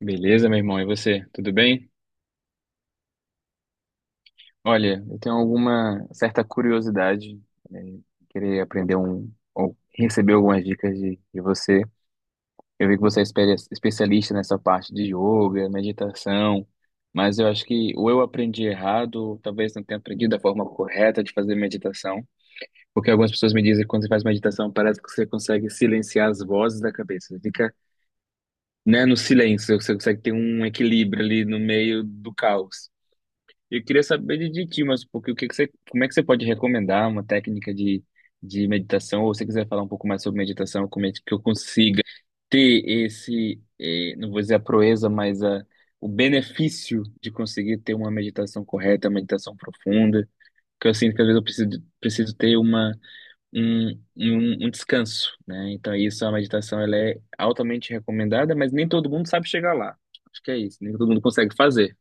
Beleza, meu irmão, e você? Tudo bem? Olha, eu tenho alguma certa curiosidade, né, querer aprender um, ou receber algumas dicas de você. Eu vi que você é especialista nessa parte de yoga, meditação, mas eu acho que ou eu aprendi errado, ou talvez não tenha aprendido a forma correta de fazer meditação, porque algumas pessoas me dizem que quando você faz meditação parece que você consegue silenciar as vozes da cabeça. Você fica, né, no silêncio, você consegue ter um equilíbrio ali no meio do caos. Eu queria saber de ti, mas porque o que que você, como é que você pode recomendar uma técnica de meditação, ou se você quiser falar um pouco mais sobre meditação, como é que eu consiga ter esse, não vou dizer a proeza, mas a, o benefício de conseguir ter uma meditação correta, uma meditação profunda, que eu sinto que às vezes eu preciso ter um, um descanso, né? Então isso, a meditação, ela é altamente recomendada, mas nem todo mundo sabe chegar lá. Acho que é isso, nem todo mundo consegue fazer.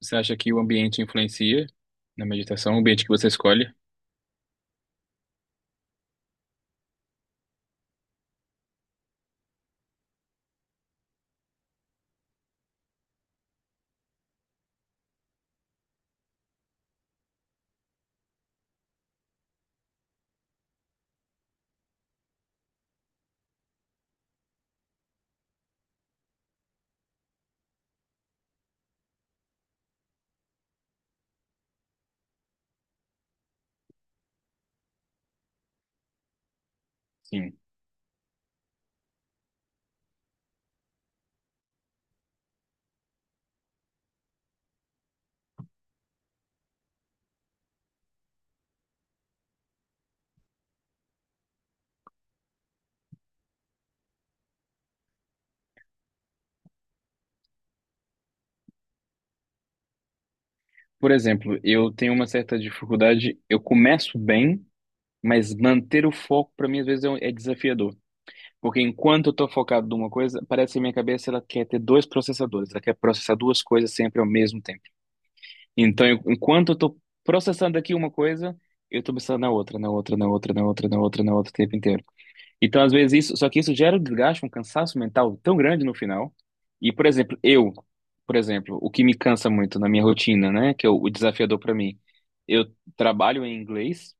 Você acha que o ambiente influencia na meditação, o ambiente que você escolhe? Sim. Por exemplo, eu tenho uma certa dificuldade, eu começo bem, mas manter o foco para mim às vezes é desafiador. Porque enquanto eu tô focado numa coisa, parece que minha cabeça ela quer ter dois processadores, ela quer processar duas coisas sempre ao mesmo tempo. Então, enquanto eu tô processando aqui uma coisa, eu tô pensando na outra, na outra, na outra, na outra, na outra, na outra o tempo inteiro. Então, às vezes, isso, só que isso gera um desgaste, um cansaço mental tão grande no final. E, por exemplo, eu, por exemplo, o que me cansa muito na minha rotina, né, que é o desafiador para mim, eu trabalho em inglês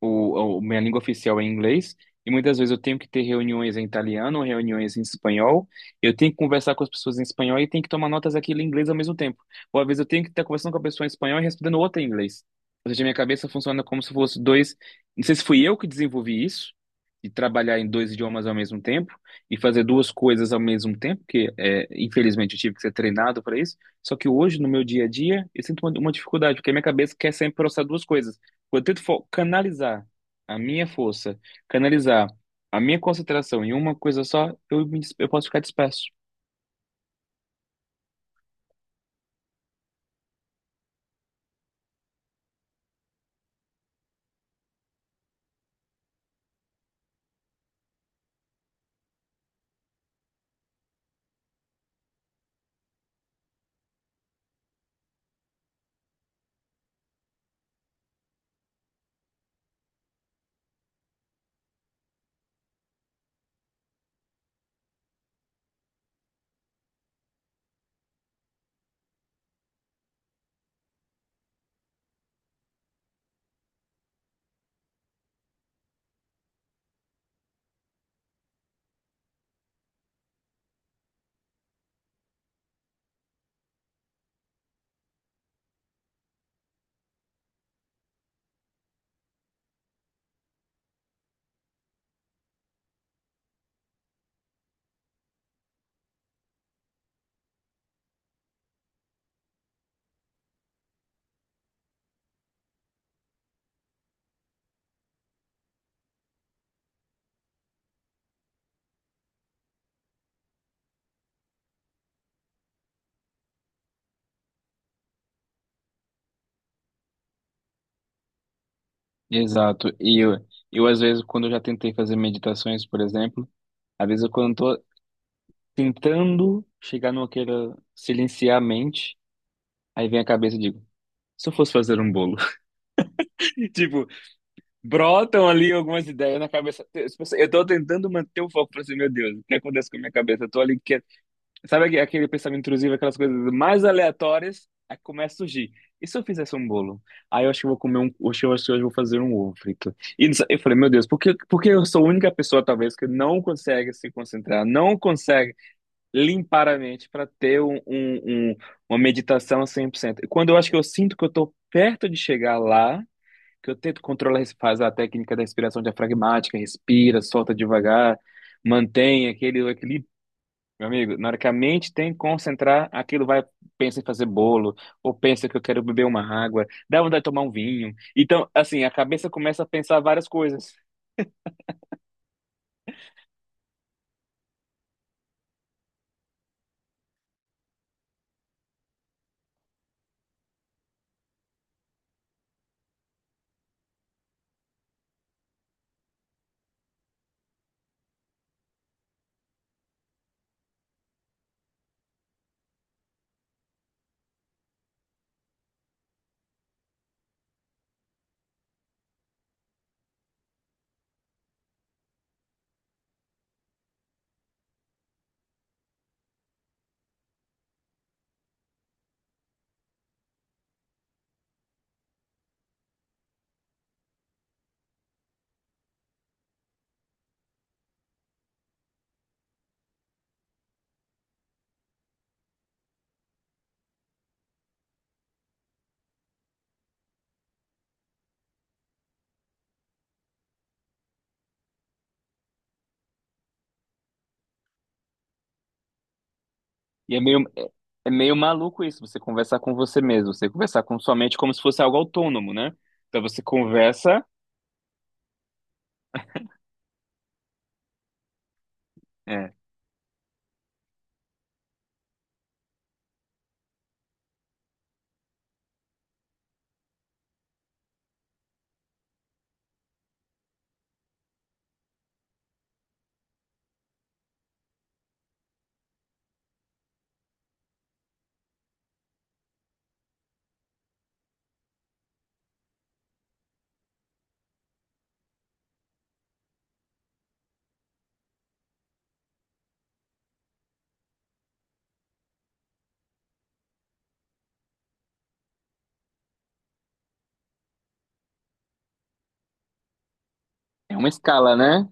minha língua oficial é inglês, e muitas vezes eu tenho que ter reuniões em italiano, reuniões em espanhol, eu tenho que conversar com as pessoas em espanhol e tenho que tomar notas aqui em inglês ao mesmo tempo. Ou às vezes eu tenho que estar conversando com a pessoa em espanhol e respondendo outra em inglês. Ou seja, minha cabeça funciona como se fosse dois. Não sei se fui eu que desenvolvi isso, de trabalhar em dois idiomas ao mesmo tempo e fazer duas coisas ao mesmo tempo, que é, infelizmente eu tive que ser treinado para isso. Só que hoje, no meu dia a dia, eu sinto uma dificuldade, porque a minha cabeça quer sempre processar duas coisas. Quando eu tento canalizar a minha força, canalizar a minha concentração em uma coisa só, eu, eu posso ficar disperso. Exato. Às vezes, quando eu já tentei fazer meditações, por exemplo, às vezes, eu, quando eu tô tentando chegar no que era silenciar a mente, aí vem a cabeça e digo, se eu fosse fazer um bolo? Tipo, brotam ali algumas ideias na cabeça. Eu tô tentando manter o foco pra assim, meu Deus, o que acontece com a minha cabeça? Eu tô ali. Aquele pensamento intrusivo, aquelas coisas mais aleatórias, aí começa a surgir. E se eu fizesse um bolo? Aí eu acho que eu vou comer um, acho que eu vou fazer um ovo frito. E não sei- eu falei, meu Deus, por que eu sou a única pessoa, talvez, que não consegue se concentrar, não consegue limpar a mente para ter uma meditação 100%? E quando eu acho que eu sinto que eu estou perto de chegar lá, que eu tento controlar, faz a técnica da respiração diafragmática, respira, solta devagar, mantém aquele equilíbrio meu amigo, na hora que a mente tem que concentrar, aquilo vai, pensa em fazer bolo, ou pensa que eu quero beber uma água, dá vontade de tomar um vinho. Então, assim, a cabeça começa a pensar várias coisas. E é meio, é é meio maluco isso, você conversar com você mesmo, você conversar com sua mente como se fosse algo autônomo, né? Então você conversa, é, é uma escala, né?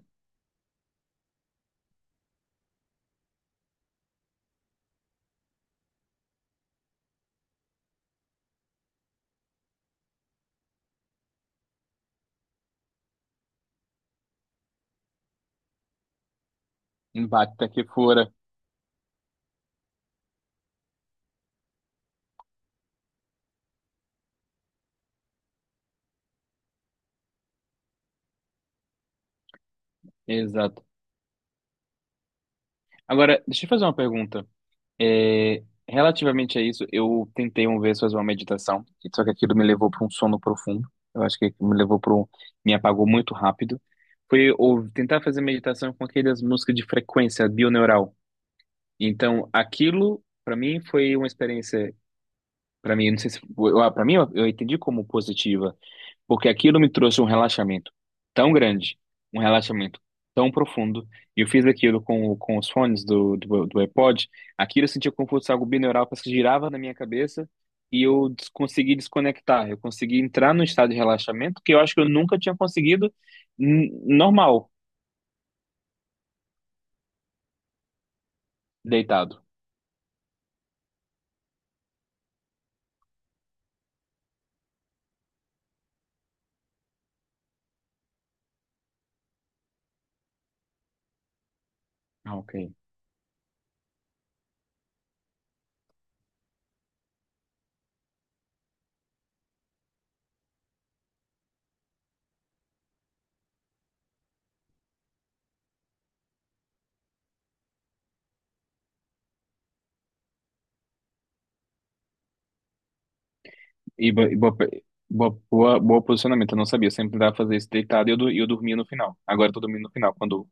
Impacta que fora. Exato. Agora, deixa eu fazer uma pergunta. É, relativamente a isso, eu tentei uma vez fazer uma meditação, só que aquilo me levou para um sono profundo. Eu acho que me levou para um, me apagou muito rápido. Foi ou, tentar fazer meditação com aquelas músicas de frequência bioneural. Então, aquilo para mim foi uma experiência, para mim, não sei se, para mim eu entendi como positiva porque aquilo me trouxe um relaxamento tão grande, um relaxamento tão profundo, e eu fiz aquilo com os fones do iPod, aquilo eu sentia como se fosse algo binaural, parece que girava na minha cabeça, e eu consegui desconectar, eu consegui entrar num estado de relaxamento que eu acho que eu nunca tinha conseguido normal, deitado. Ah, ok. E, bo- e boa, pe- boa, boa, boa posicionamento, eu não sabia, eu sempre tentava fazer isso deitado e eu, e eu dormia no final. Agora eu tô dormindo no final, quando...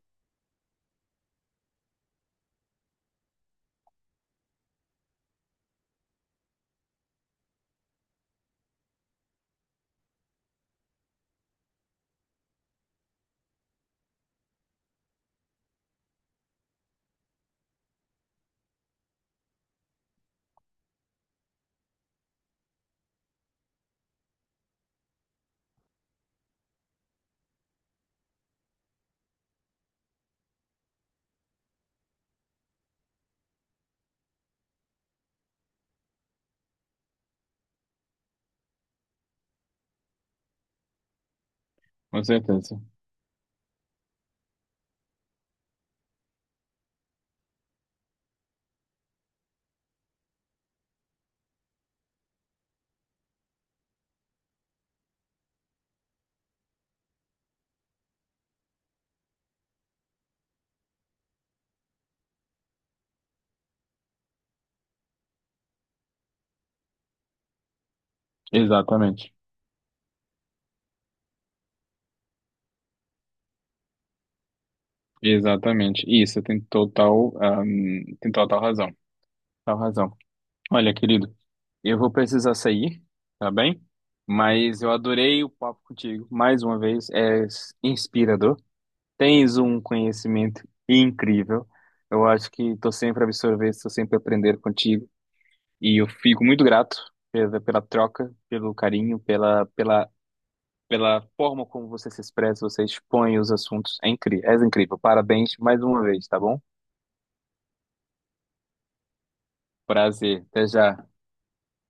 Com certeza. Exatamente. Exatamente. Isso, tem total razão. Total razão. Olha, querido, eu vou precisar sair, tá bem? Mas eu adorei o papo contigo. Mais uma vez, é inspirador. Tens um conhecimento incrível. Eu acho que estou sempre a absorver, estou sempre a aprender contigo. E eu fico muito grato pela troca, pelo carinho, pela forma como você se expressa, você expõe os assuntos. É incrível, és incrível. Parabéns mais uma vez, tá bom? Prazer, até já.